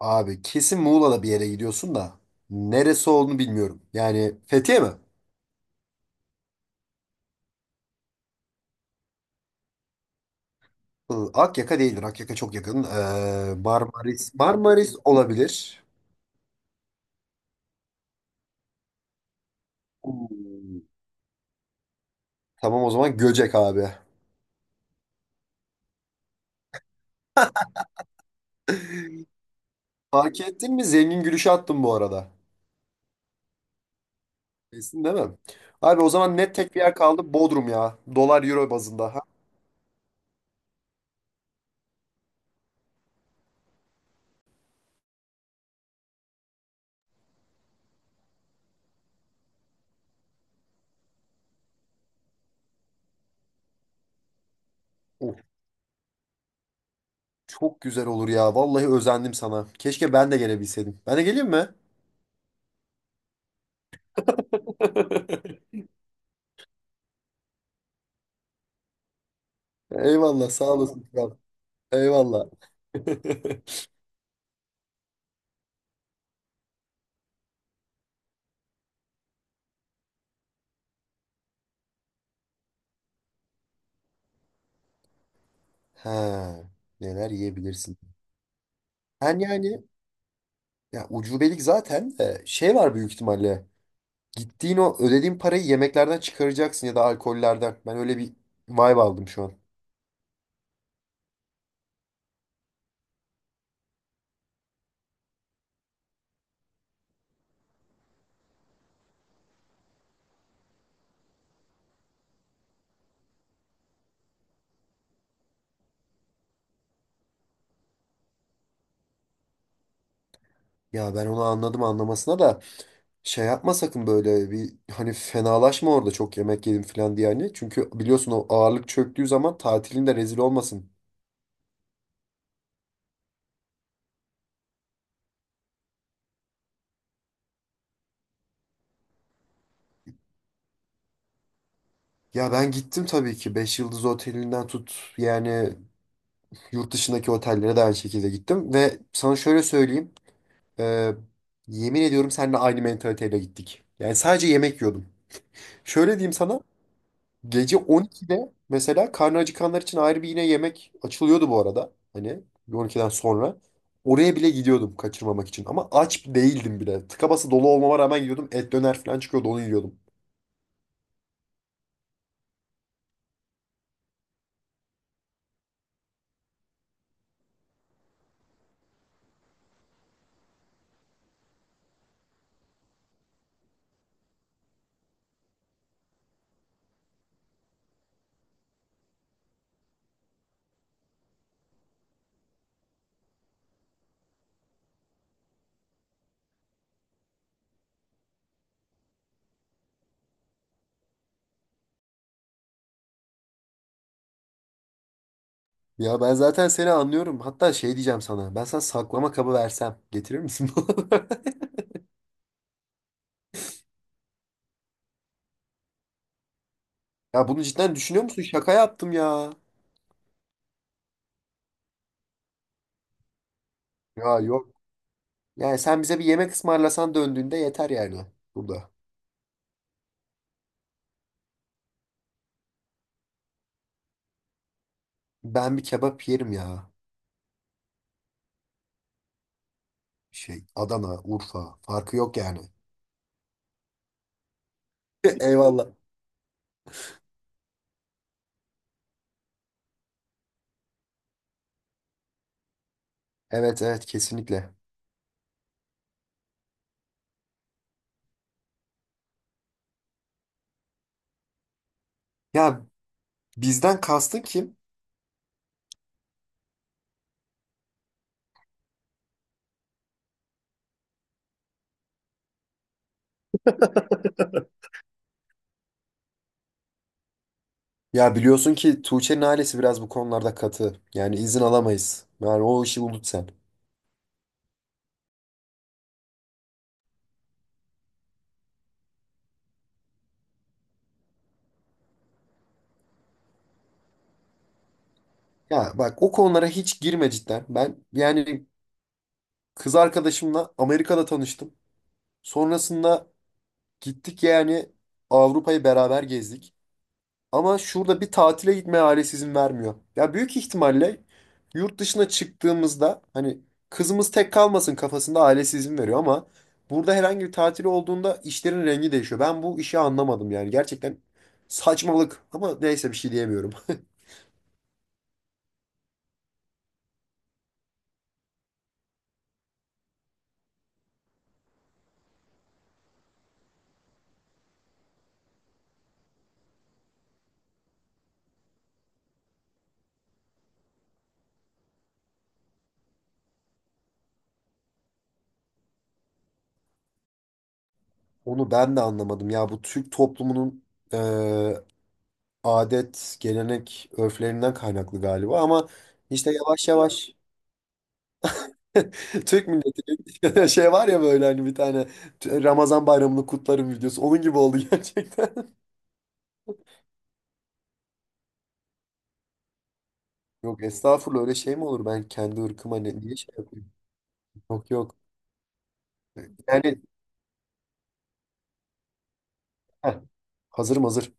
Abi kesin Muğla'da bir yere gidiyorsun da neresi olduğunu bilmiyorum. Yani Fethiye mi? Hı, Akyaka değildir. Akyaka çok yakın. Marmaris. Marmaris olabilir. Hmm. Tamam, o zaman Göcek abi. Fark ettin mi? Zengin gülüşü attım bu arada. Kesin değil mi? Abi, o zaman net tek bir yer kaldı. Bodrum ya. Dolar euro bazında. Ha? Of, çok güzel olur ya. Vallahi özendim sana. Keşke ben de gelebilseydim. Ben de geleyim mi? Eyvallah, sağ olasın. Kral. Eyvallah. Ha, neler yiyebilirsin. Ben yani ya ucubelik zaten de şey var büyük ihtimalle. Gittiğin o ödediğin parayı yemeklerden çıkaracaksın ya da alkollerden. Ben öyle bir vibe aldım şu an. Ya ben onu anladım anlamasına da şey yapma sakın böyle bir hani fenalaşma orada çok yemek yedim falan diye hani. Çünkü biliyorsun, o ağırlık çöktüğü zaman tatilinde rezil olmasın. Ya ben gittim tabii ki, 5 yıldız otelinden tut yani yurt dışındaki otellere de aynı şekilde gittim ve sana şöyle söyleyeyim. Ee, yemin ediyorum, seninle aynı mentaliteyle gittik. Yani sadece yemek yiyordum. Şöyle diyeyim sana. Gece 12'de mesela karnı acıkanlar için ayrı bir yine yemek açılıyordu bu arada. Hani 12'den sonra. Oraya bile gidiyordum kaçırmamak için. Ama aç değildim bile. Tıka basa dolu olmama rağmen gidiyordum. Et döner falan çıkıyordu, onu yiyordum. Ya ben zaten seni anlıyorum. Hatta şey diyeceğim sana. Ben sana saklama kabı versem getirir misin? bana? Ya bunu cidden düşünüyor musun? Şaka yaptım ya. Ya yok. Yani sen bize bir yemek ısmarlasan döndüğünde yeter yani burada. Ben bir kebap yerim ya. Şey, Adana, Urfa farkı yok yani. Eyvallah. Evet evet kesinlikle. Ya bizden kastın kim? Ya biliyorsun ki Tuğçe'nin ailesi biraz bu konularda katı. Yani izin alamayız. Yani o işi unut sen. Ya bak, o konulara hiç girme cidden. Ben yani kız arkadaşımla Amerika'da tanıştım. Sonrasında gittik yani Avrupa'yı beraber gezdik. Ama şurada bir tatile gitmeye ailesi izin vermiyor. Ya büyük ihtimalle yurt dışına çıktığımızda hani kızımız tek kalmasın kafasında ailesi izin veriyor ama burada herhangi bir tatil olduğunda işlerin rengi değişiyor. Ben bu işi anlamadım yani, gerçekten saçmalık, ama neyse bir şey diyemiyorum. Onu ben de anlamadım ya, bu Türk toplumunun eee, adet, gelenek, örflerinden kaynaklı galiba ama işte yavaş yavaş Türk milleti şey var ya böyle hani, bir tane Ramazan bayramını kutlarım videosu. Onun gibi oldu gerçekten. Yok estağfurullah, öyle şey mi olur? Ben kendi ırkıma ne, niye şey yapayım? Yok yok. Yani heh, hazırım hazır.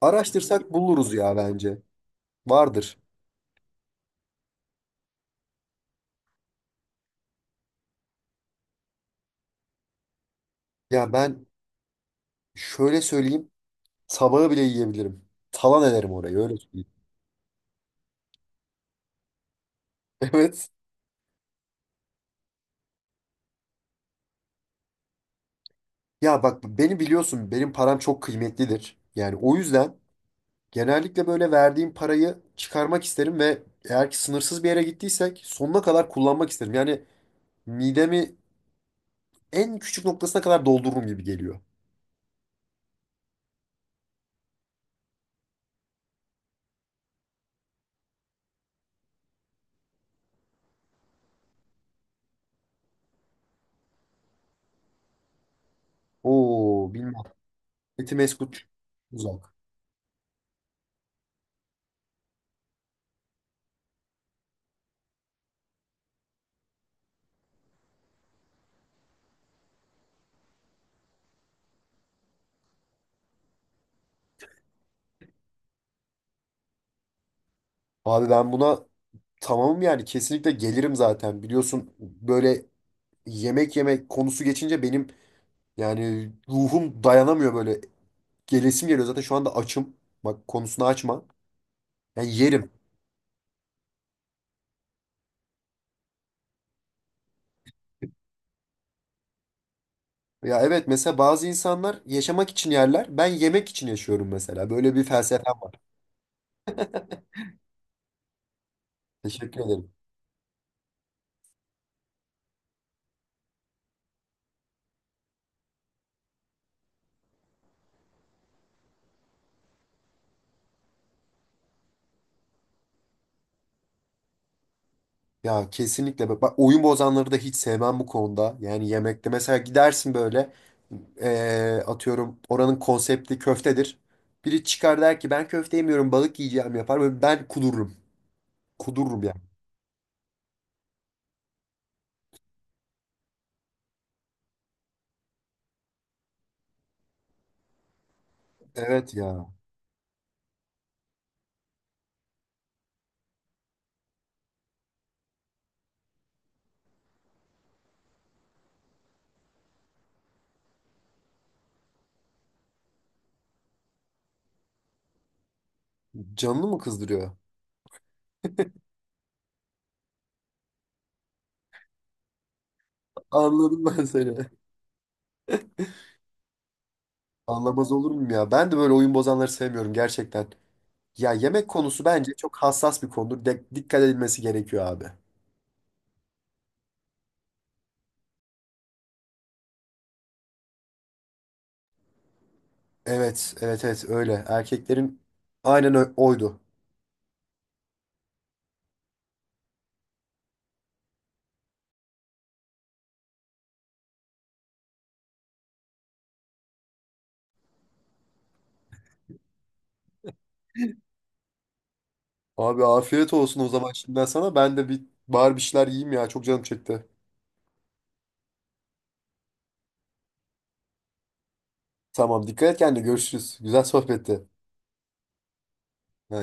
Araştırsak buluruz ya bence. Vardır. Ya ben şöyle söyleyeyim. Sabahı bile yiyebilirim. Talan ederim orayı, öyle söyleyeyim. Evet. Ya bak beni biliyorsun. Benim param çok kıymetlidir. Yani o yüzden genellikle böyle verdiğim parayı çıkarmak isterim ve eğer ki sınırsız bir yere gittiysek sonuna kadar kullanmak isterim. Yani midemi en küçük noktasına kadar doldururum gibi geliyor. Oo, bilmem. Eti meskut uzak. Abi ben buna tamamım yani, kesinlikle gelirim zaten. Biliyorsun böyle yemek yemek konusu geçince benim yani ruhum dayanamıyor böyle. Gelesim geliyor zaten, şu anda açım. Bak, konusunu açma. Yani yerim. Ya evet, mesela bazı insanlar yaşamak için yerler. Ben yemek için yaşıyorum mesela. Böyle bir felsefem var. Teşekkür ederim. Ya kesinlikle. Bak bak, oyun bozanları da hiç sevmem bu konuda. Yani yemekte mesela gidersin böyle, atıyorum oranın konsepti köftedir. Biri çıkar der ki ben köfte yemiyorum, balık yiyeceğim yapar. Böyle ben kudururum. Kudururum yani. Evet ya. Canını mı kızdırıyor? Anladım ben seni. Anlamaz olur muyum ya? Ben de böyle oyun bozanları sevmiyorum gerçekten. Ya yemek konusu bence çok hassas bir konudur. Dikkat edilmesi gerekiyor abi. Evet, evet, evet öyle. Erkeklerin aynen oydu. Abi afiyet olsun o zaman şimdiden sana. Ben de bir bari bir şeyler yiyeyim ya. Çok canım çekti. Tamam, dikkat et kendine, görüşürüz. Güzel sohbetti.